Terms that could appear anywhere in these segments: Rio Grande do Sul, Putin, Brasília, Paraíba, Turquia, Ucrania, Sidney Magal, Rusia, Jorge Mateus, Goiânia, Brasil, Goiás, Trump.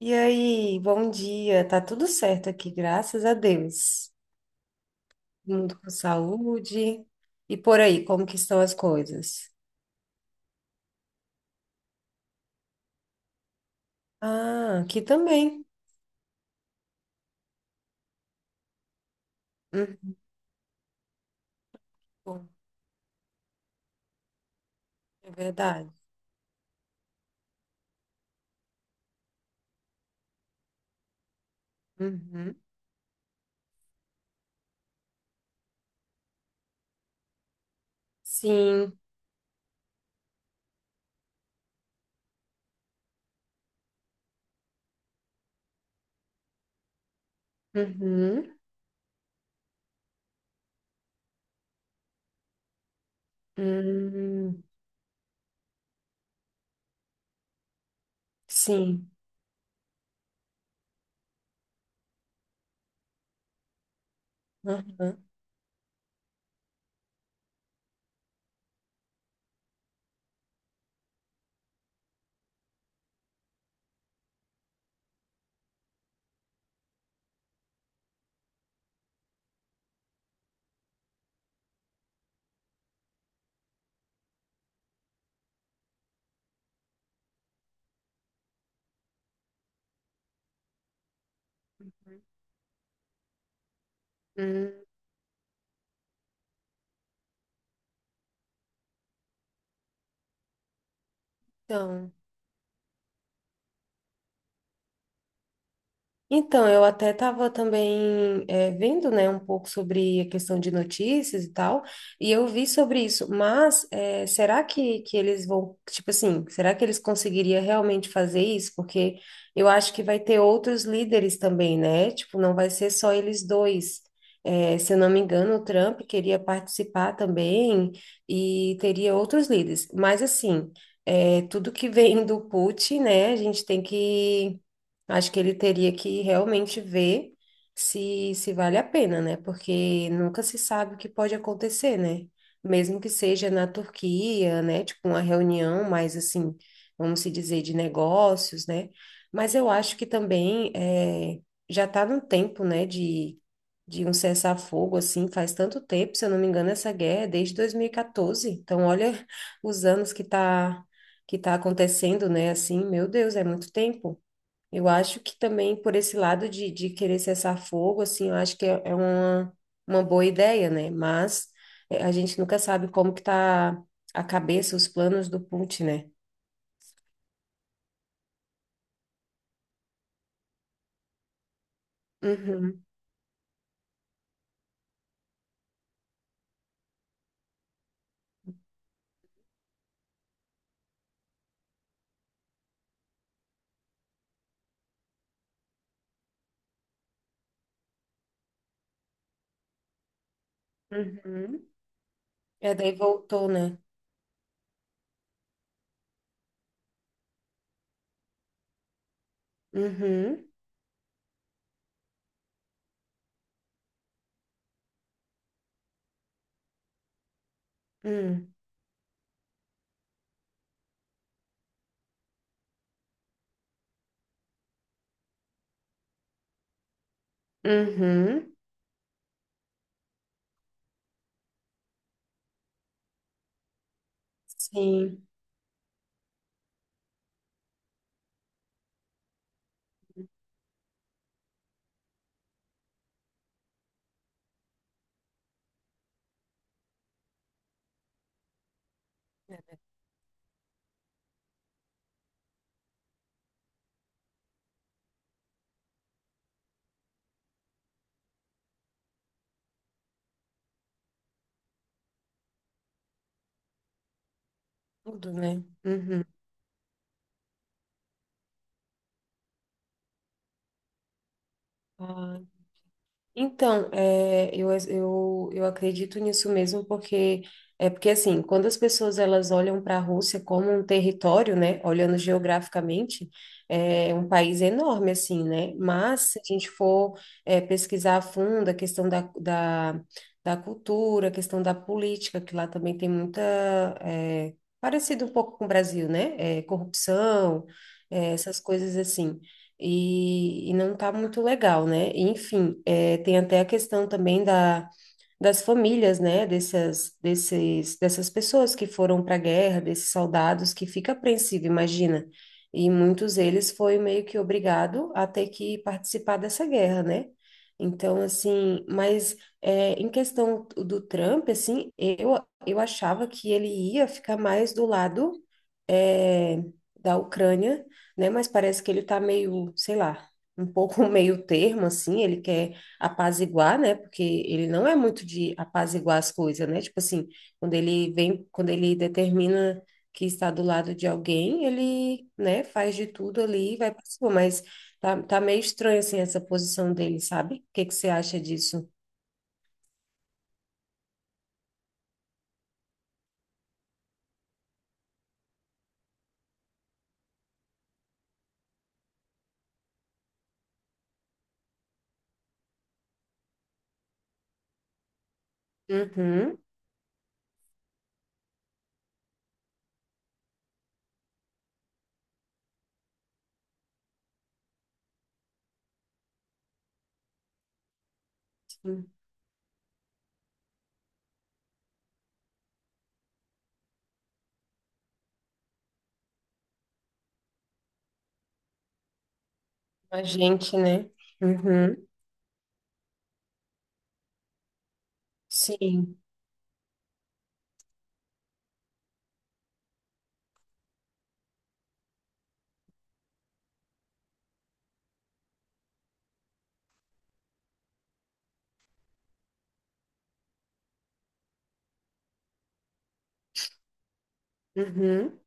E aí, bom dia. Tá tudo certo aqui, graças a Deus. Mundo com saúde. E por aí, como que estão as coisas? Ah, aqui também. Uhum. Bom. É verdade. Uhum. Sim. Uhum. Hum. Sim. Uhum. Hum. Então. Então, eu até estava também vendo, né, um pouco sobre a questão de notícias e tal, e eu vi sobre isso, mas será que eles vão, tipo assim, será que eles conseguiriam realmente fazer isso? Porque eu acho que vai ter outros líderes também, né? Tipo, não vai ser só eles dois. Se eu não me engano, o Trump queria participar também e teria outros líderes, mas assim, tudo que vem do Putin, né, a gente tem que... Acho que ele teria que realmente ver se vale a pena, né? Porque nunca se sabe o que pode acontecer, né? Mesmo que seja na Turquia, né? Tipo, uma reunião mais assim, vamos se dizer, de negócios, né? Mas eu acho que também é, já está no tempo, né? De um cessar-fogo, assim, faz tanto tempo, se eu não me engano, essa guerra é desde 2014. Então, olha os anos que tá acontecendo, né? Assim, meu Deus, é muito tempo. Eu acho que também por esse lado de querer cessar fogo, assim, eu acho que é, é uma boa ideia, né? Mas a gente nunca sabe como que tá a cabeça, os planos do Putin, né? Uhum. Uhum. É, daí voltou, né? Uhum. Uhum. Uhum. Sim, tudo, né? Uhum. Então, é, eu acredito nisso mesmo, porque é porque assim, quando as pessoas elas olham para a Rússia como um território, né, olhando geograficamente, é um país enorme assim, né? Mas se a gente for pesquisar a fundo a questão da cultura, a questão da política, que lá também tem muita... Parecido um pouco com o Brasil, né? É, corrupção, é, essas coisas assim, e não tá muito legal, né? E enfim, é, tem até a questão também da, das famílias, né? Dessas pessoas que foram para a guerra, desses soldados, que fica apreensivo, imagina. E muitos deles foi meio que obrigado a ter que participar dessa guerra, né? Então, assim, mas é, em questão do Trump, assim, eu achava que ele ia ficar mais do lado é, da Ucrânia, né? Mas parece que ele está meio, sei lá, um pouco meio termo, assim, ele quer apaziguar, né? Porque ele não é muito de apaziguar as coisas, né? Tipo assim, quando ele vem, quando ele determina que está do lado de alguém, ele, né, faz de tudo ali e vai para cima, mas tá, tá meio estranho, assim, essa posição dele, sabe? O que que você acha disso? Uhum. Sim. A gente, né? Uhum. Sim. Uhum.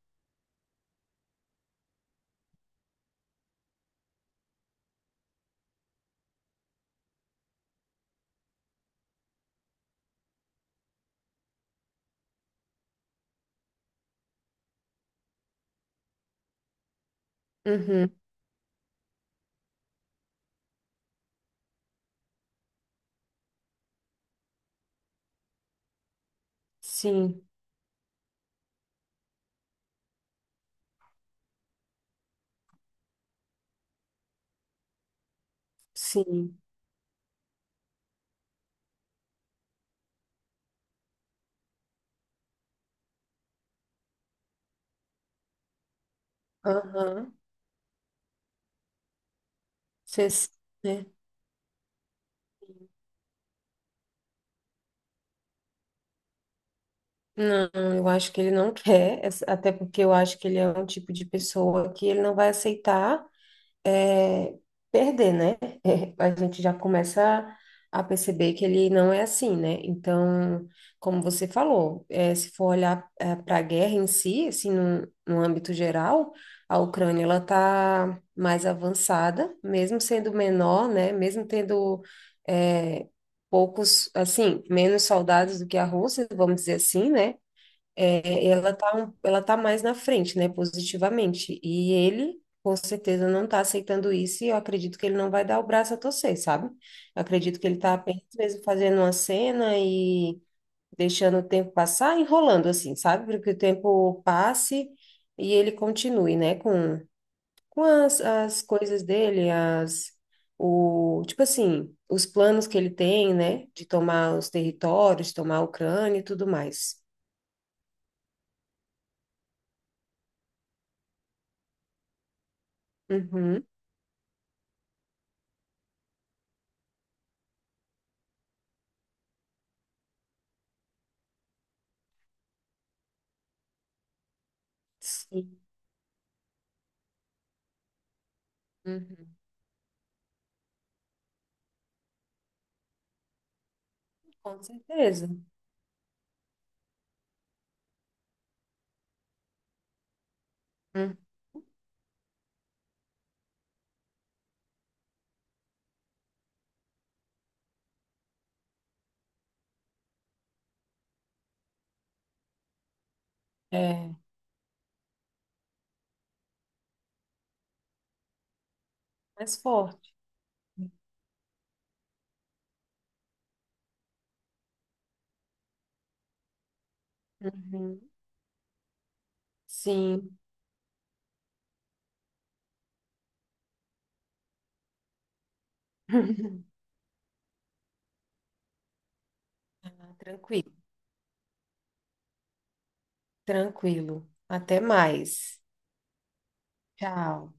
Uhum. Sim. Sim. Aham. Cê s- né? Não, eu acho que ele não quer, essa- até porque eu acho que ele é um tipo de pessoa que ele não vai aceitar. É, perder, né? A gente já começa a perceber que ele não é assim, né? Então, como você falou, é, se for olhar para a guerra em si, assim, no, no âmbito geral, a Ucrânia ela está mais avançada, mesmo sendo menor, né? Mesmo tendo é, poucos, assim, menos soldados do que a Rússia, vamos dizer assim, né? É, ela tá, um- ela tá mais na frente, né, positivamente. E ele, com certeza, não tá aceitando isso e eu acredito que ele não vai dar o braço a torcer, sabe? Eu acredito que ele tá apenas mesmo fazendo uma cena e deixando o tempo passar, enrolando assim, sabe? Para que o tempo passe e ele continue, né, com as, as coisas dele, as, o, tipo assim, os planos que ele tem, né, de tomar os territórios, tomar a Ucrânia e tudo mais. Uhum. Sim. Uhum, com certeza. Hum. É, mais forte. Uhum, sim. Ah, tranquilo, tranquilo. Até mais. Tchau.